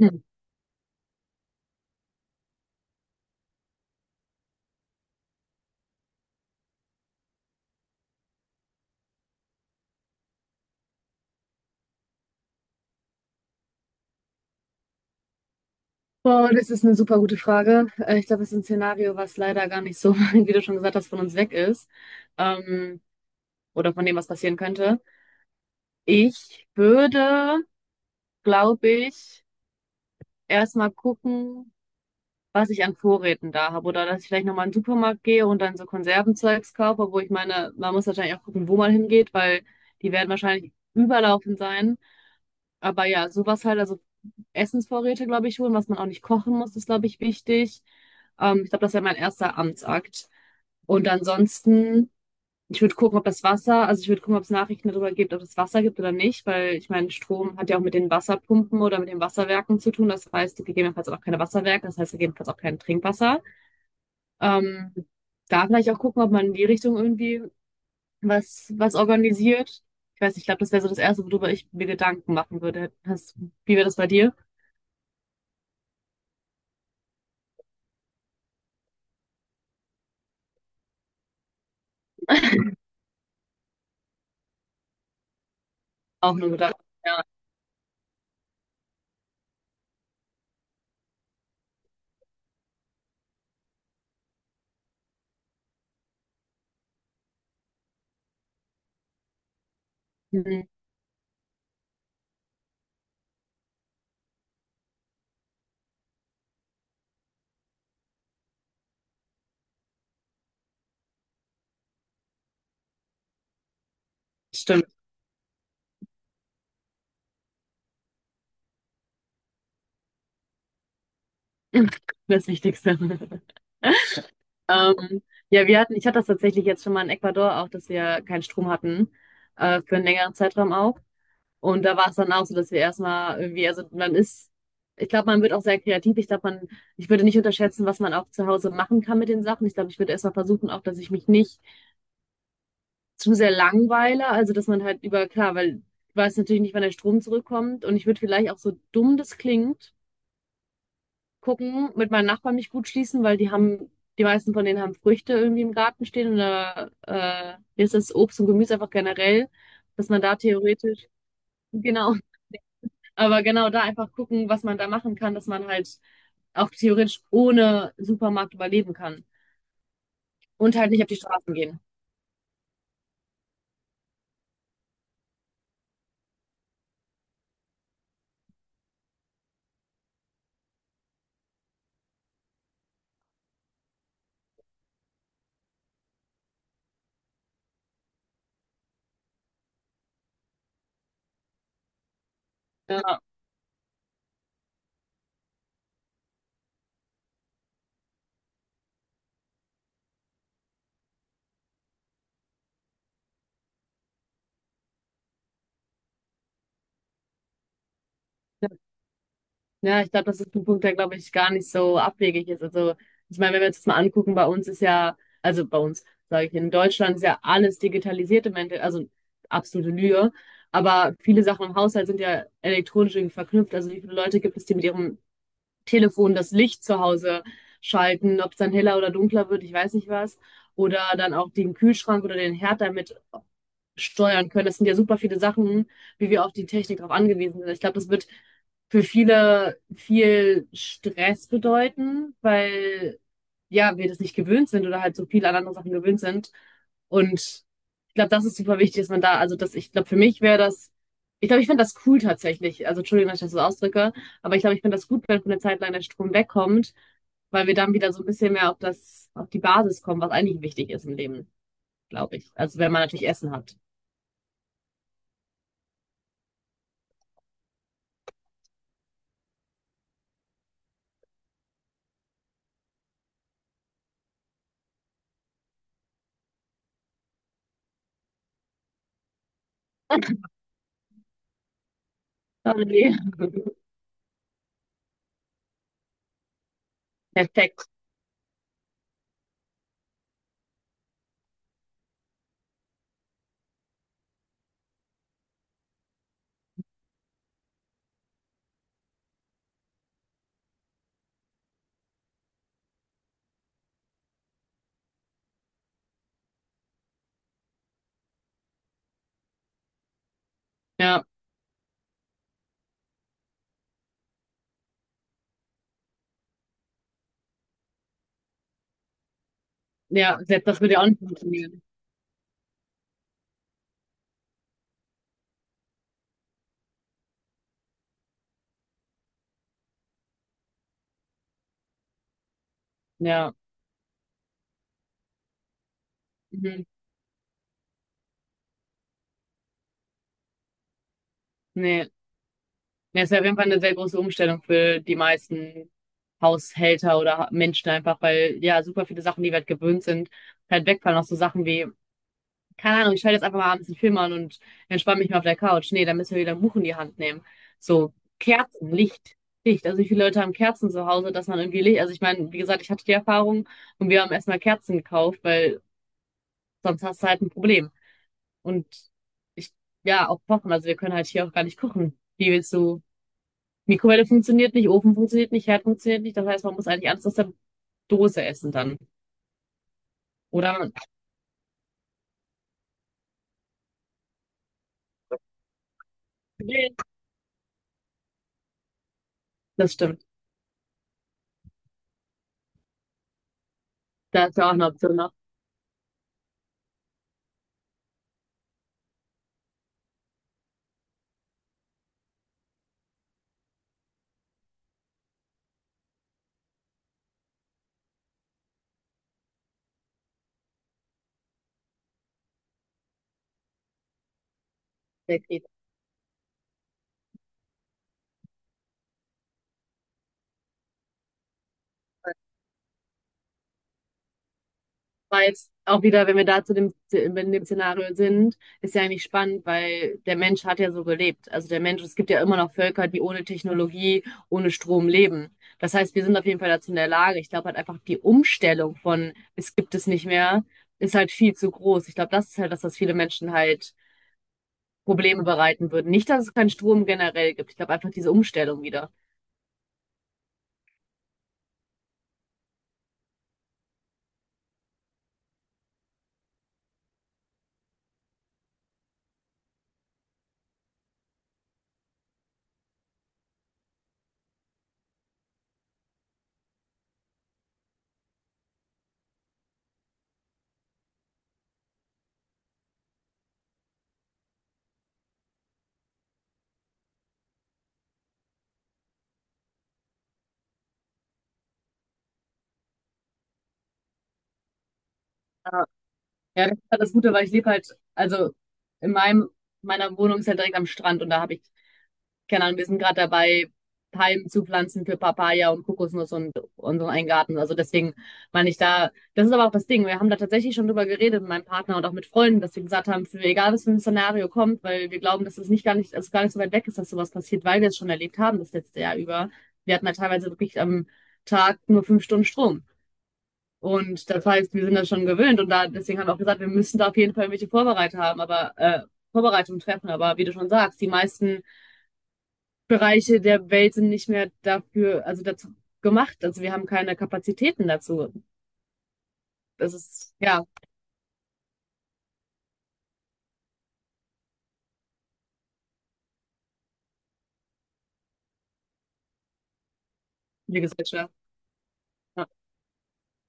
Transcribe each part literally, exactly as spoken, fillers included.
Hm. Wow, das ist eine super gute Frage. Äh, Ich glaube, es ist ein Szenario, was leider gar nicht so, wie du schon gesagt hast, von uns weg ist. Ähm, oder von dem, was passieren könnte. Ich würde, glaube ich, erstmal gucken, was ich an Vorräten da habe. Oder dass ich vielleicht nochmal in den Supermarkt gehe und dann so Konservenzeugs kaufe, wo ich meine, man muss wahrscheinlich auch gucken, wo man hingeht, weil die werden wahrscheinlich überlaufen sein. Aber ja, sowas halt, also Essensvorräte, glaube ich, holen, was man auch nicht kochen muss, ist, glaube ich, wichtig. Ähm, ich glaube, das wäre mein erster Amtsakt. Und ansonsten, ich würde gucken, ob das Wasser, also ich würde gucken, ob es Nachrichten darüber gibt, ob es Wasser gibt oder nicht, weil ich meine, Strom hat ja auch mit den Wasserpumpen oder mit den Wasserwerken zu tun. Das heißt, gegebenenfalls auch keine Wasserwerke, das heißt gegebenenfalls auch kein Trinkwasser. Ähm, Da vielleicht auch gucken, ob man in die Richtung irgendwie was, was organisiert. Ich weiß nicht, ich glaube, das wäre so das Erste, worüber ich mir Gedanken machen würde. Hast, wie wäre das bei dir? Auch nur gedacht. Ja. Mhm. Stimmt, das Wichtigste. Ähm, ja, wir hatten, ich hatte das tatsächlich jetzt schon mal in Ecuador auch, dass wir keinen Strom hatten, äh, für einen längeren Zeitraum auch. Und da war es dann auch so, dass wir erstmal irgendwie, also man ist, ich glaube, man wird auch sehr kreativ. Ich glaube, man, ich würde nicht unterschätzen, was man auch zu Hause machen kann mit den Sachen. Ich glaube, ich würde erstmal versuchen, auch, dass ich mich nicht zu sehr langweile. Also, dass man halt über, klar, weil ich weiß natürlich nicht, wann der Strom zurückkommt. Und ich würde vielleicht auch, so dumm das klingt, gucken, mit meinen Nachbarn mich gut schließen, weil die haben, die meisten von denen haben Früchte irgendwie im Garten stehen oder äh, hier ist das Obst und Gemüse einfach generell, dass man da theoretisch, genau, aber genau da einfach gucken, was man da machen kann, dass man halt auch theoretisch ohne Supermarkt überleben kann und halt nicht auf die Straßen gehen. Ja, ich glaube, das ist ein Punkt, der, glaube ich, gar nicht so abwegig ist. Also, ich meine, wenn wir uns das mal angucken, bei uns ist ja, also bei uns, sage ich, in Deutschland ist ja alles digitalisiert im Endeffekt, also absolute Lüge. Aber viele Sachen im Haushalt sind ja elektronisch irgendwie verknüpft. Also, wie viele Leute gibt es, die mit ihrem Telefon das Licht zu Hause schalten, ob es dann heller oder dunkler wird, ich weiß nicht was. Oder dann auch den Kühlschrank oder den Herd damit steuern können. Das sind ja super viele Sachen, wie wir auf die Technik drauf angewiesen sind. Ich glaube, das wird für viele viel Stress bedeuten, weil ja, wir das nicht gewöhnt sind oder halt so viel an anderen Sachen gewöhnt sind. Und ich glaube, das ist super wichtig, dass man da, also das, ich glaube, für mich wäre das, ich glaube, ich finde das cool tatsächlich. Also Entschuldigung, dass ich das so ausdrücke, aber ich glaube, ich finde das gut, wenn für eine Zeit lang der Strom wegkommt, weil wir dann wieder so ein bisschen mehr auf das, auf die Basis kommen, was eigentlich wichtig ist im Leben, glaube ich. Also wenn man natürlich Essen hat. Oh ne. Perfekt. Ja, ja, se das würde ja auch nicht funktionieren. Ja. Mhm. Ne. Ja, ist ja auf jeden Fall eine sehr große Umstellung für die meisten Haushälter oder ha Menschen einfach, weil, ja, super viele Sachen, die wir halt gewöhnt sind, halt wegfallen. Auch so Sachen wie, keine Ahnung, ich schalte jetzt einfach mal abends 'n Film an und entspanne mich mal auf der Couch. Nee, dann müssen wir wieder 'n Buch in die Hand nehmen. So, Kerzen, Licht, Licht. Also, wie viele Leute haben Kerzen zu Hause, dass man irgendwie Licht, also, ich meine, wie gesagt, ich hatte die Erfahrung und wir haben erstmal Kerzen gekauft, weil sonst hast du halt ein Problem. Und ich, ja, auch kochen. Also wir können halt hier auch gar nicht kochen. Wie willst du? Mikrowelle funktioniert nicht, Ofen funktioniert nicht, Herd funktioniert nicht. Das heißt, man muss eigentlich alles aus der Dose essen dann. Oder man, das stimmt. Da ist ja auch eine Option noch. Der Grill. Weil jetzt auch wieder, wenn wir da zu dem, in dem Szenario sind, ist ja eigentlich spannend, weil der Mensch hat ja so gelebt. Also der Mensch, es gibt ja immer noch Völker, die ohne Technologie, ohne Strom leben. Das heißt, wir sind auf jeden Fall dazu in der Lage. Ich glaube halt einfach, die Umstellung von es gibt es nicht mehr, ist halt viel zu groß. Ich glaube, das ist halt das, was viele Menschen halt Probleme bereiten würden. Nicht, dass es keinen Strom generell gibt. Ich glaube einfach diese Umstellung wieder. Ja. Ja, das ist halt das Gute, weil ich lebe halt, also in meinem, meiner Wohnung ist halt direkt am Strand und da habe ich, keine Ahnung, wir sind gerade dabei, Palmen zu pflanzen für Papaya und Kokosnuss und unseren einen Garten. Also deswegen meine ich da, das ist aber auch das Ding. Wir haben da tatsächlich schon drüber geredet mit meinem Partner und auch mit Freunden, dass wir gesagt haben, für egal was für ein Szenario kommt, weil wir glauben, dass es nicht gar nicht, also gar nicht so weit weg ist, dass sowas passiert, weil wir es schon erlebt haben das letzte Jahr über. Wir hatten da teilweise wirklich am Tag nur fünf Stunden Strom. Und das heißt, wir sind das schon gewöhnt und da deswegen haben wir auch gesagt, wir müssen da auf jeden Fall irgendwelche Vorbereitungen haben, aber äh, Vorbereitungen treffen. Aber wie du schon sagst, die meisten Bereiche der Welt sind nicht mehr dafür, also dazu gemacht. Also wir haben keine Kapazitäten dazu. Das ist, ja, die Gesellschaft. Ja.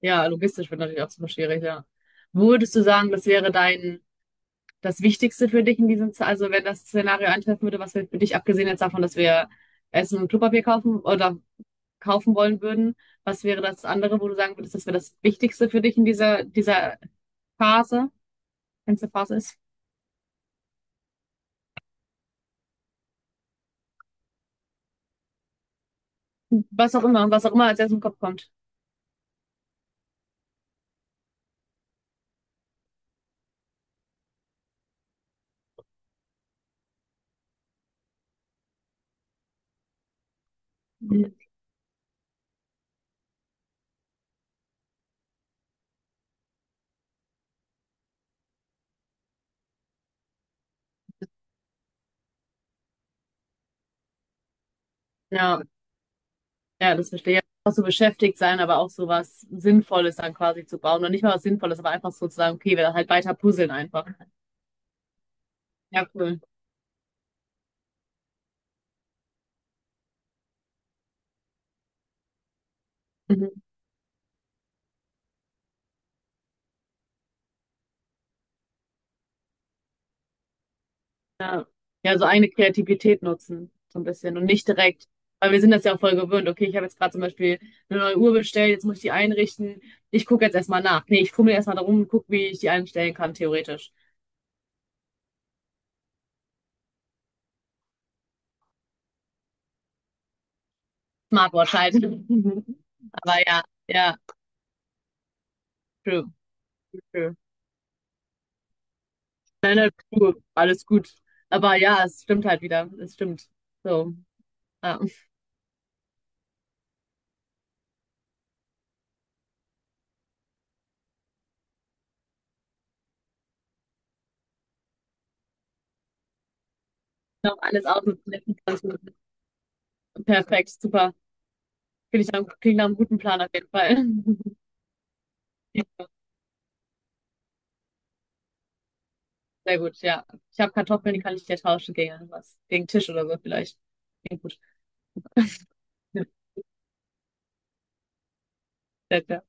Ja, logistisch wird natürlich auch super schwierig, ja. Würdest du sagen, das wäre dein, das Wichtigste für dich in diesem, Ze- also wenn das Szenario eintreffen würde, was wäre für dich, abgesehen jetzt davon, dass wir Essen und Klopapier kaufen oder kaufen wollen würden, was wäre das andere, wo du sagen würdest, das wäre das Wichtigste für dich in dieser, dieser Phase, wenn es eine Phase ist? Was auch immer, was auch immer als erstes im Kopf kommt. Mhm. Ja. Ja, das verstehe ich. Auch so beschäftigt sein, aber auch so was Sinnvolles dann quasi zu bauen. Und nicht mal was Sinnvolles, aber einfach so zu sagen, okay, wir halt weiter puzzeln einfach. Ja, cool. Mhm. Ja. Ja, so eigene Kreativität nutzen, so ein bisschen. Und nicht direkt, weil wir sind das ja auch voll gewöhnt. Okay, ich habe jetzt gerade zum Beispiel eine neue Uhr bestellt, jetzt muss ich die einrichten. Ich gucke jetzt erstmal nach. Nee, ich fummel erstmal darum und gucke, wie ich die einstellen kann, theoretisch. Smartwatch halt. Aber ja, ja, true, true. Nein, nein, true. Alles gut. Aber ja, es stimmt halt wieder. Es stimmt. So. Ja, noch alles aus und letzten zwanzig Minuten. Perfekt, super. Finde ich dann, klingt nach einem guten Plan auf jeden Fall. Sehr gut, ja. Ich habe Kartoffeln, die kann ich dir tauschen gegen was, gegen Tisch oder so vielleicht. Klingt gut. Sehr, sehr